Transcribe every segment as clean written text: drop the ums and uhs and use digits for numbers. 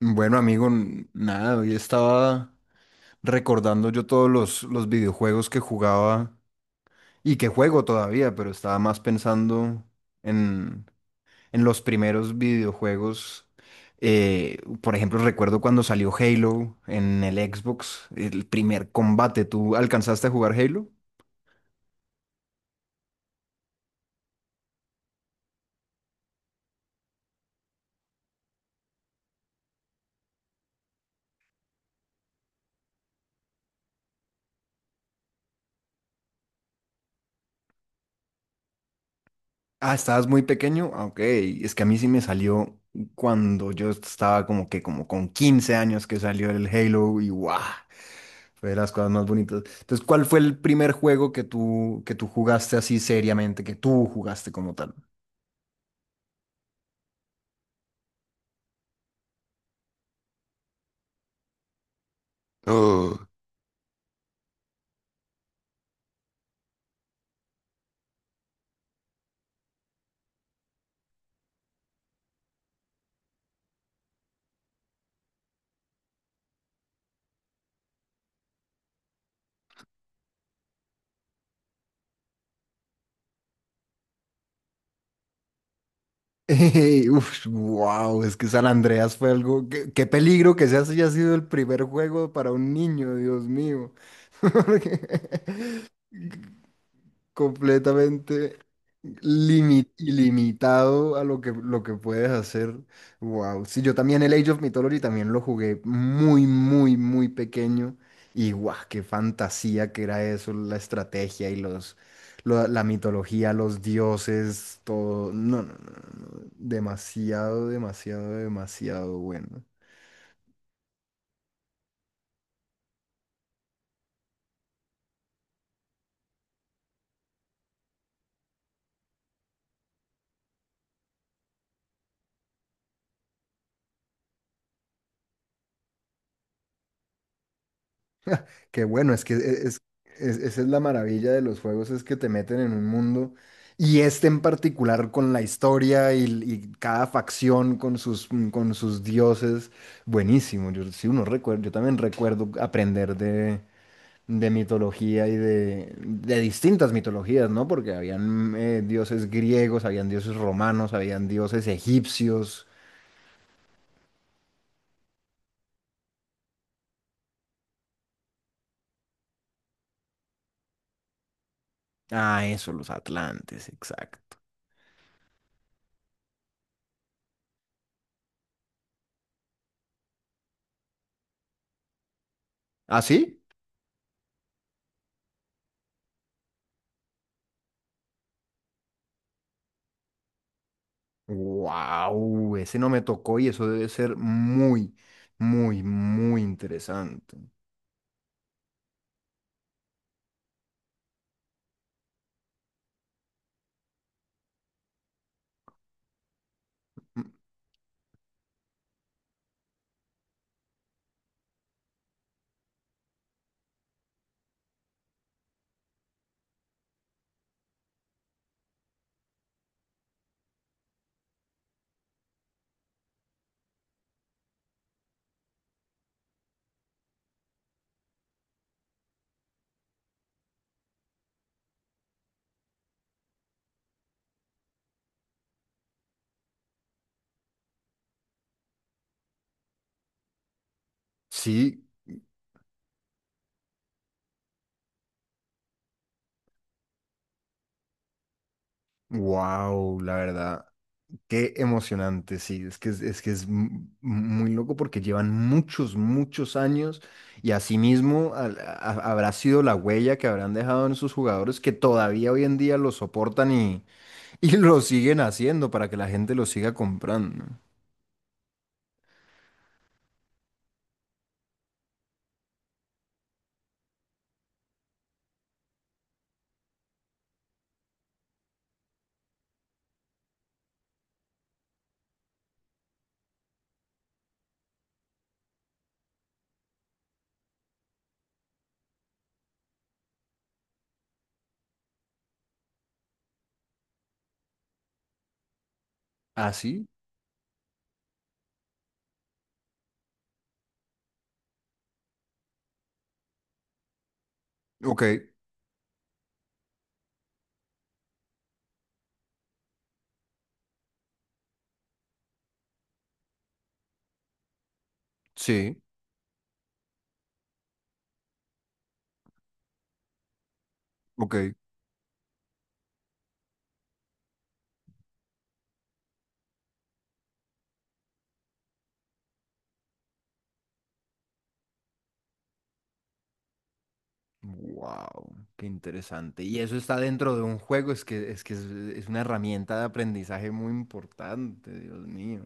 Bueno, amigo, nada, hoy estaba recordando yo todos los videojuegos que jugaba y que juego todavía, pero estaba más pensando en, en los primeros videojuegos. Eh, por ejemplo, recuerdo cuando salió Halo en el Xbox, el primer combate. ¿Tú alcanzaste a jugar Halo? Ah, estabas muy pequeño. Ah, ok, es que a mí sí me salió cuando yo estaba como que como con 15 años que salió el Halo y ¡guau! Fue de las cosas más bonitas. Entonces, ¿cuál fue el primer juego que tú jugaste así seriamente, que tú jugaste como tal? Uh, Uf, wow, es que San Andreas fue algo. Qué peligro que ese haya sido el primer juego para un niño, Dios mío. Completamente ilimitado a lo que puedes hacer. Wow. Sí, yo también el Age of Mythology también lo jugué muy, muy, muy pequeño. Y guau, qué fantasía que era eso, la estrategia y la mitología, los dioses, todo. No, no, no, no, no, demasiado, demasiado, demasiado bueno. Qué bueno, es que es, esa es la maravilla de los juegos, es que te meten en un mundo y este en particular con la historia y cada facción con sus, dioses, buenísimo. Yo, sí, yo también recuerdo aprender de, mitología y de distintas mitologías, ¿no? Porque habían dioses griegos, habían dioses romanos, habían dioses egipcios. Ah, eso, los atlantes, exacto. ¿Ah, sí? Wow, ese no me tocó y eso debe ser muy, muy, muy interesante. Mm, sí, wow, la verdad, qué emocionante, sí, es que es muy loco porque llevan muchos, muchos años y asimismo habrá sido la huella que habrán dejado en sus jugadores que todavía hoy en día lo soportan y, y lo siguen haciendo para que la gente lo siga comprando. ¿Ah, sí? Ok, sí, ok. Wow, qué interesante. Y eso está dentro de un juego, es que es una herramienta de aprendizaje muy importante, Dios mío.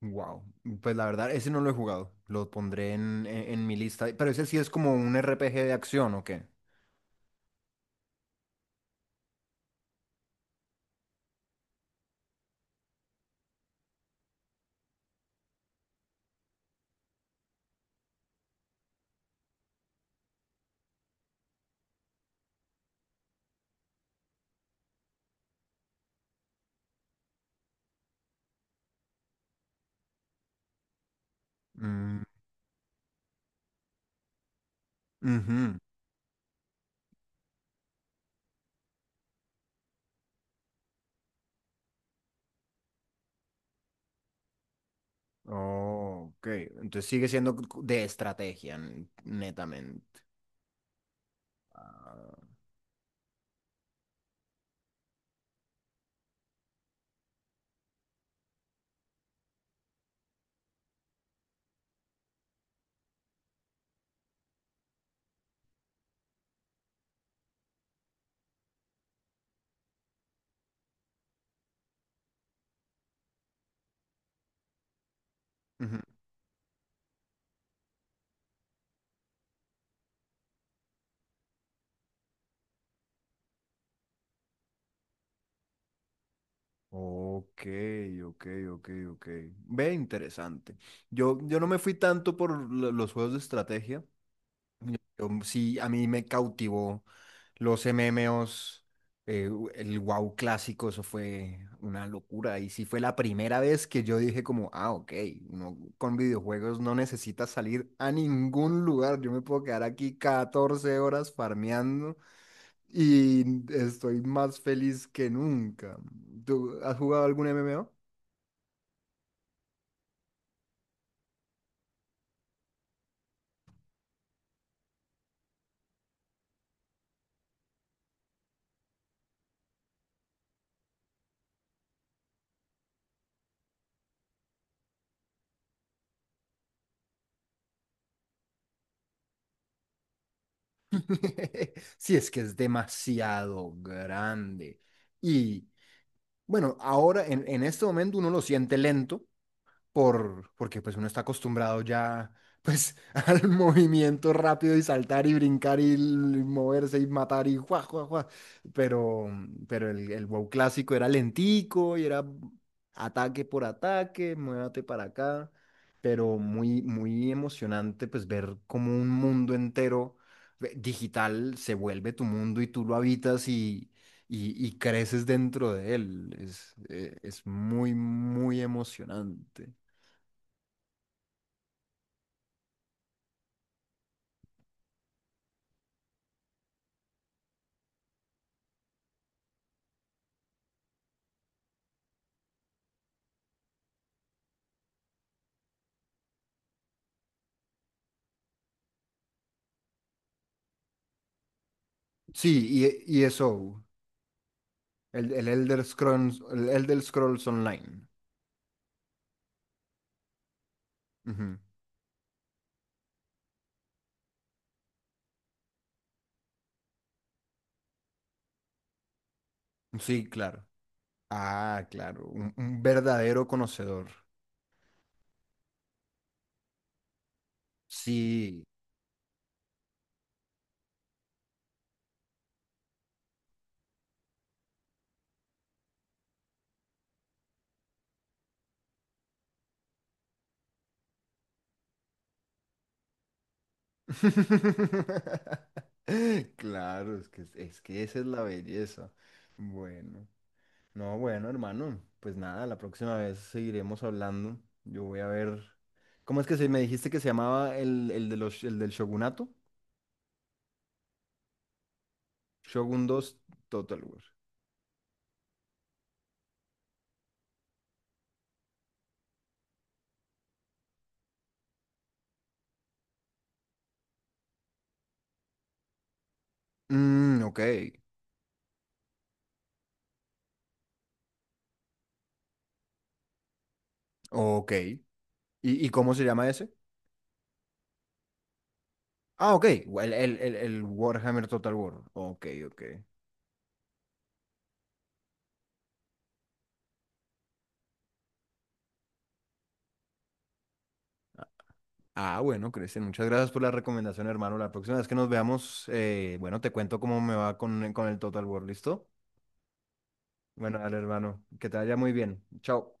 Wow, pues la verdad, ese no lo he jugado. Lo pondré en, en mi lista. Pero ese sí es como un RPG de acción, ¿o qué? Mm, ujú. Oh, ok. Entonces sigue siendo de estrategia, netamente. Ah, ujú. Ok, ok, ok, ok. Ve, interesante. Yo no me fui tanto por los juegos de estrategia. Yo sí, a mí me cautivó los MMOs, el WoW clásico, eso fue una locura. Y sí fue la primera vez que yo dije como, ah, ok, uno con videojuegos no necesita salir a ningún lugar. Yo me puedo quedar aquí 14 horas farmeando y estoy más feliz que nunca. ¿Tú has jugado algún MMO? Si es que es demasiado grande. Y bueno, ahora en, este momento uno lo siente lento porque pues uno está acostumbrado ya pues al movimiento rápido y saltar y brincar y, y moverse y matar y guau, guau, guau. Pero, pero el WoW clásico era lentico y era ataque por ataque, muévate para acá, pero muy, muy emocionante pues ver como un mundo entero digital se vuelve tu mundo y tú lo habitas y... y creces dentro de él. Es muy, muy emocionante. Sí, y ESO, el Elder Scrolls, el Elder Scrolls Online. Ujú. Sí, claro. Ah, claro, un, verdadero conocedor. Sí. Claro, es que esa es la belleza. Bueno, no, bueno, hermano, pues nada, la próxima vez seguiremos hablando. Yo voy a ver. ¿Cómo es que se me dijiste que se llamaba el del Shogunato? Shogun 2 Total War. Mm, ok. Ok. ¿Y cómo se llama ese? Ah, ok. El Warhammer Total War. Ok, ok. Ah, bueno, Cristian, muchas gracias por la recomendación, hermano. La próxima vez que nos veamos, bueno, te cuento cómo me va con, el Total War, ¿listo? Bueno, dale, hermano. Que te vaya muy bien. Chao.